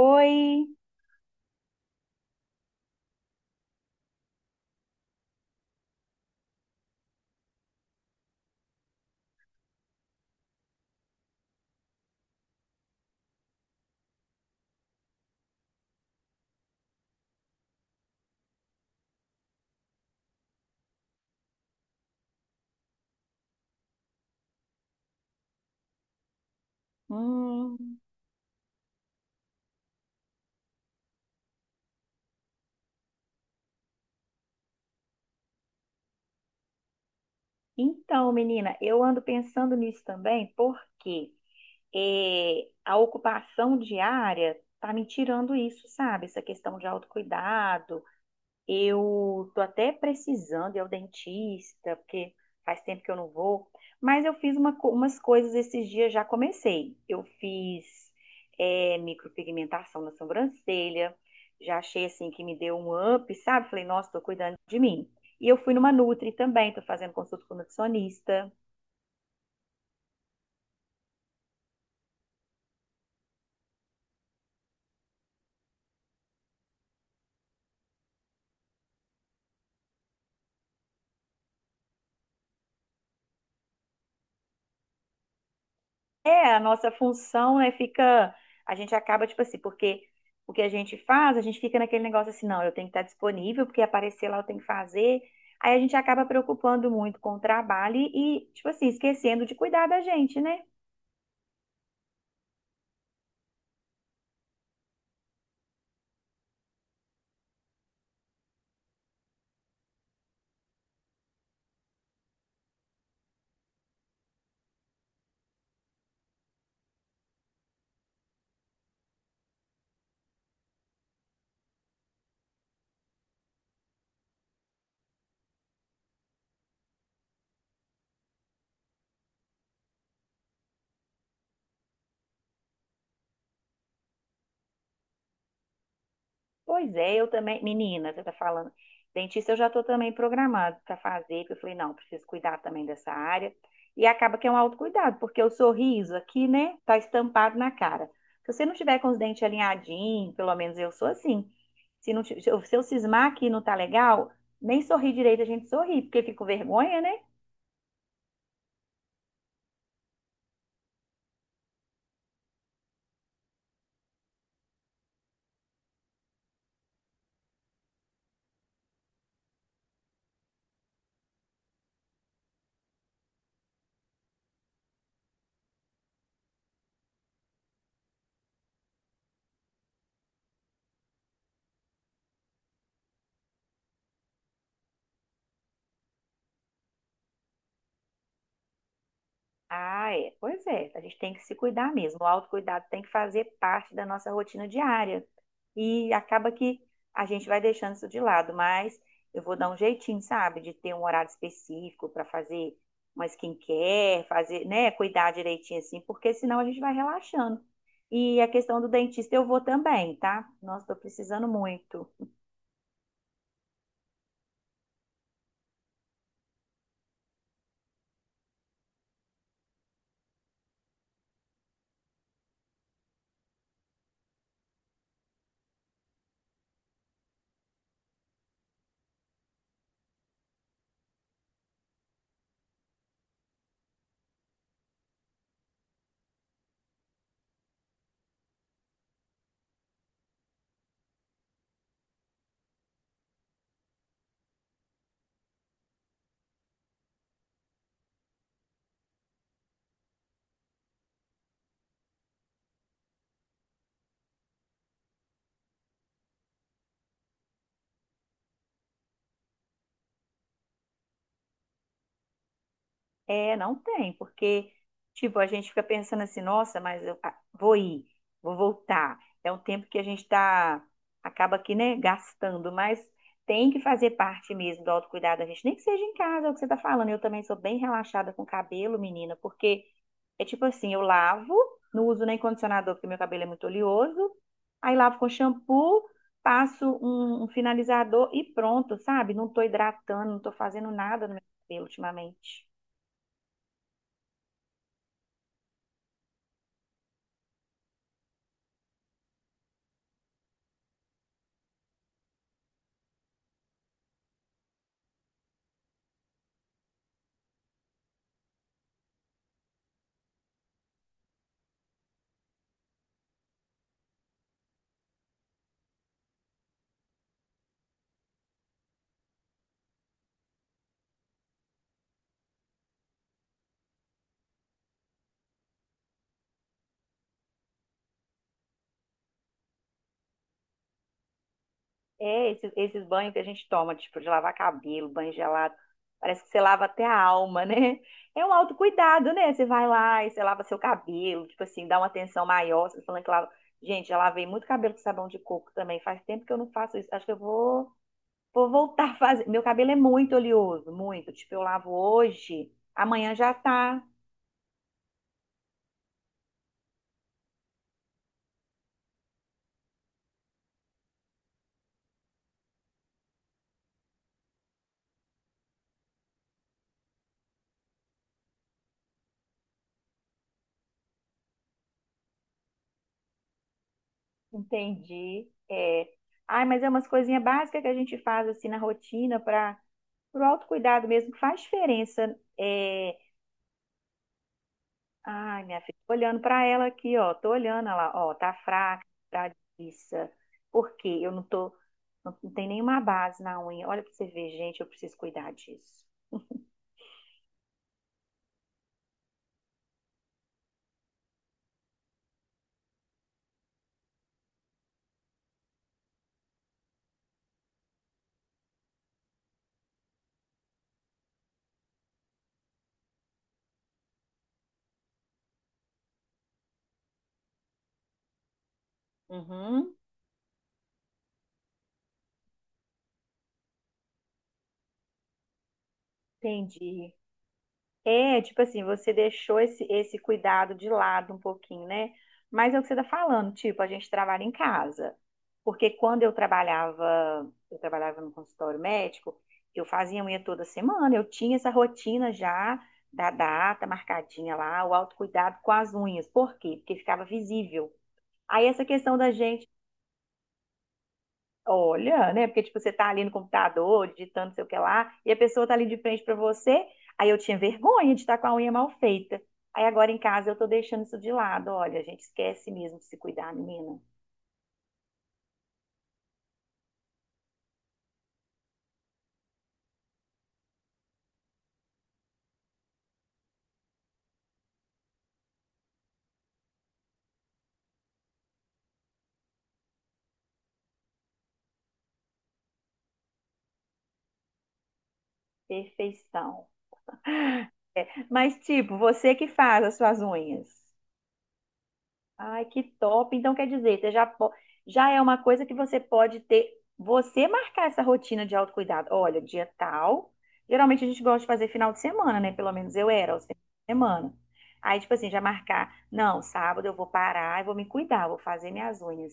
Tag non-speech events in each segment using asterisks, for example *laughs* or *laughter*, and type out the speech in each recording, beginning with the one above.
Oi! Hum, Então, menina, eu ando pensando nisso também, porque a ocupação diária tá me tirando isso, sabe? Essa questão de autocuidado, eu tô até precisando ir ao dentista, porque faz tempo que eu não vou. Mas eu fiz uma umas coisas esses dias, já comecei. Eu fiz micropigmentação na sobrancelha. Já achei assim que me deu um up, sabe? Falei, nossa, tô cuidando de mim. E eu fui numa Nutri também, tô fazendo consulta com nutricionista. É, a nossa função, né, fica, a gente acaba, tipo assim, porque o que a gente faz, a gente fica naquele negócio assim, não, eu tenho que estar disponível, porque aparecer lá eu tenho que fazer. Aí a gente acaba preocupando muito com o trabalho e tipo assim, esquecendo de cuidar da gente, né? Pois é, eu também, menina, você tá falando, dentista eu já tô também programado para fazer, porque eu falei, não, preciso cuidar também dessa área. E acaba que é um autocuidado, porque o sorriso aqui, né, tá estampado na cara. Se você não tiver com os dentes alinhadinhos, pelo menos eu sou assim. Se não, se eu cismar que não tá legal, nem sorrir direito a gente sorri, porque fica com vergonha, né? Ah, é. Pois é, a gente tem que se cuidar mesmo. O autocuidado tem que fazer parte da nossa rotina diária. E acaba que a gente vai deixando isso de lado, mas eu vou dar um jeitinho, sabe, de ter um horário específico para fazer uma skincare, fazer, né, cuidar direitinho assim, porque senão a gente vai relaxando. E a questão do dentista eu vou também, tá? Nossa, tô precisando muito. É, não tem, porque, tipo, a gente fica pensando assim, nossa, mas vou ir, vou voltar. É um tempo que a gente tá, acaba aqui, né, gastando, mas tem que fazer parte mesmo do autocuidado da gente, nem que seja em casa, é o que você tá falando. Eu também sou bem relaxada com o cabelo, menina, porque é tipo assim, eu lavo, não uso nem condicionador, porque meu cabelo é muito oleoso, aí lavo com shampoo, passo um finalizador e pronto, sabe? Não tô hidratando, não tô fazendo nada no meu cabelo ultimamente. Esses banhos que a gente toma, tipo, de lavar cabelo, banho gelado, parece que você lava até a alma, *laughs* né? É um autocuidado, né? Você vai lá e você lava seu cabelo, tipo assim, dá uma atenção maior, você falando que lava. Gente, já lavei muito cabelo com sabão de coco também. Faz tempo que eu não faço isso. Acho que vou voltar a fazer. Meu cabelo é muito oleoso, muito. Tipo, eu lavo hoje, amanhã já tá. Entendi. É. Ai, mas é umas coisinhas básicas que a gente faz assim na rotina para pro autocuidado mesmo que faz diferença. Ai, minha filha, tô olhando para ela aqui, ó. Tô olhando ela, ó, tá fraca, tá liça. Por quê? Eu não tô. Não, não tem nenhuma base na unha. Olha pra você ver, gente, eu preciso cuidar disso. Uhum, entendi. É, tipo assim, você deixou esse cuidado de lado um pouquinho, né? Mas é o que você tá falando, tipo, a gente trabalha em casa. Porque quando eu trabalhava no consultório médico, eu fazia unha toda semana, eu tinha essa rotina já da data marcadinha lá, o autocuidado com as unhas. Por quê? Porque ficava visível. Aí essa questão da gente, olha, né? Porque tipo, você tá ali no computador, digitando não sei o que lá, e a pessoa tá ali de frente para você, aí eu tinha vergonha de estar com a unha mal feita. Aí agora em casa eu tô deixando isso de lado. Olha, a gente esquece mesmo de se cuidar, menina. Perfeição. Mas, tipo, você que faz as suas unhas. Ai, que top. Então, quer dizer, você já, já é uma coisa que você pode ter. Você marcar essa rotina de autocuidado. Olha, dia tal. Geralmente a gente gosta de fazer final de semana, né? Pelo menos eu era, aos finais de semana. Aí, tipo assim, já marcar. Não, sábado eu vou parar e vou me cuidar, vou fazer minhas unhas.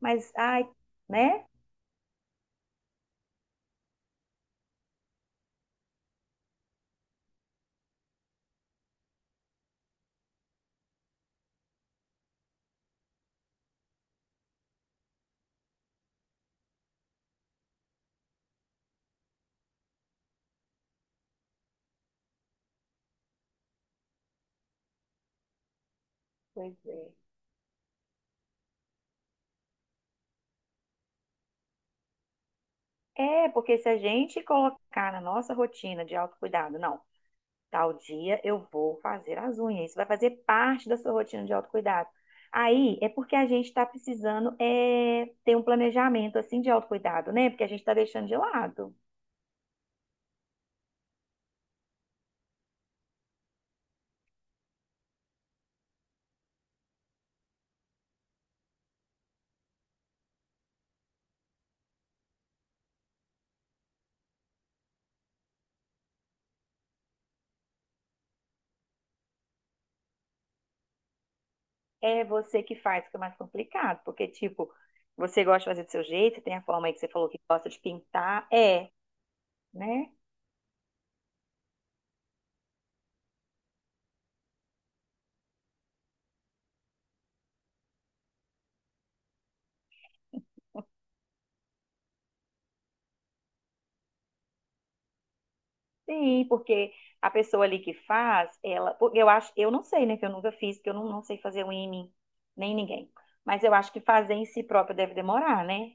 Mas, ai, né? Pois é. É, porque se a gente colocar na nossa rotina de autocuidado, não. Tal dia eu vou fazer as unhas. Isso vai fazer parte da sua rotina de autocuidado. Aí é porque a gente está precisando ter um planejamento assim de autocuidado, né? Porque a gente está deixando de lado. É você que faz, que é mais complicado. Porque, tipo, você gosta de fazer do seu jeito, você tem a forma aí que você falou que gosta de pintar. É, né? Sim, porque a pessoa ali que faz, ela. Porque Eu acho, eu não sei, né? Que eu nunca fiz, porque eu não, não sei fazer unha em mim, nem em ninguém. Mas eu acho que fazer em si próprio deve demorar, né?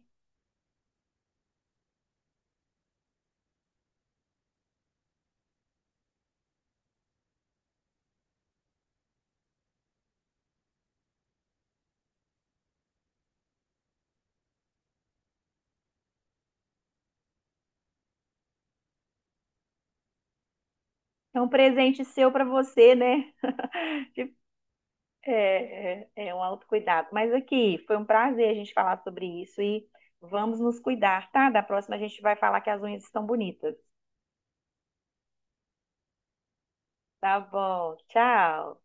É um presente seu para você, né? Tipo, é um autocuidado. Mas aqui, foi um prazer a gente falar sobre isso e vamos nos cuidar, tá? Da próxima a gente vai falar que as unhas estão bonitas. Tá bom, tchau.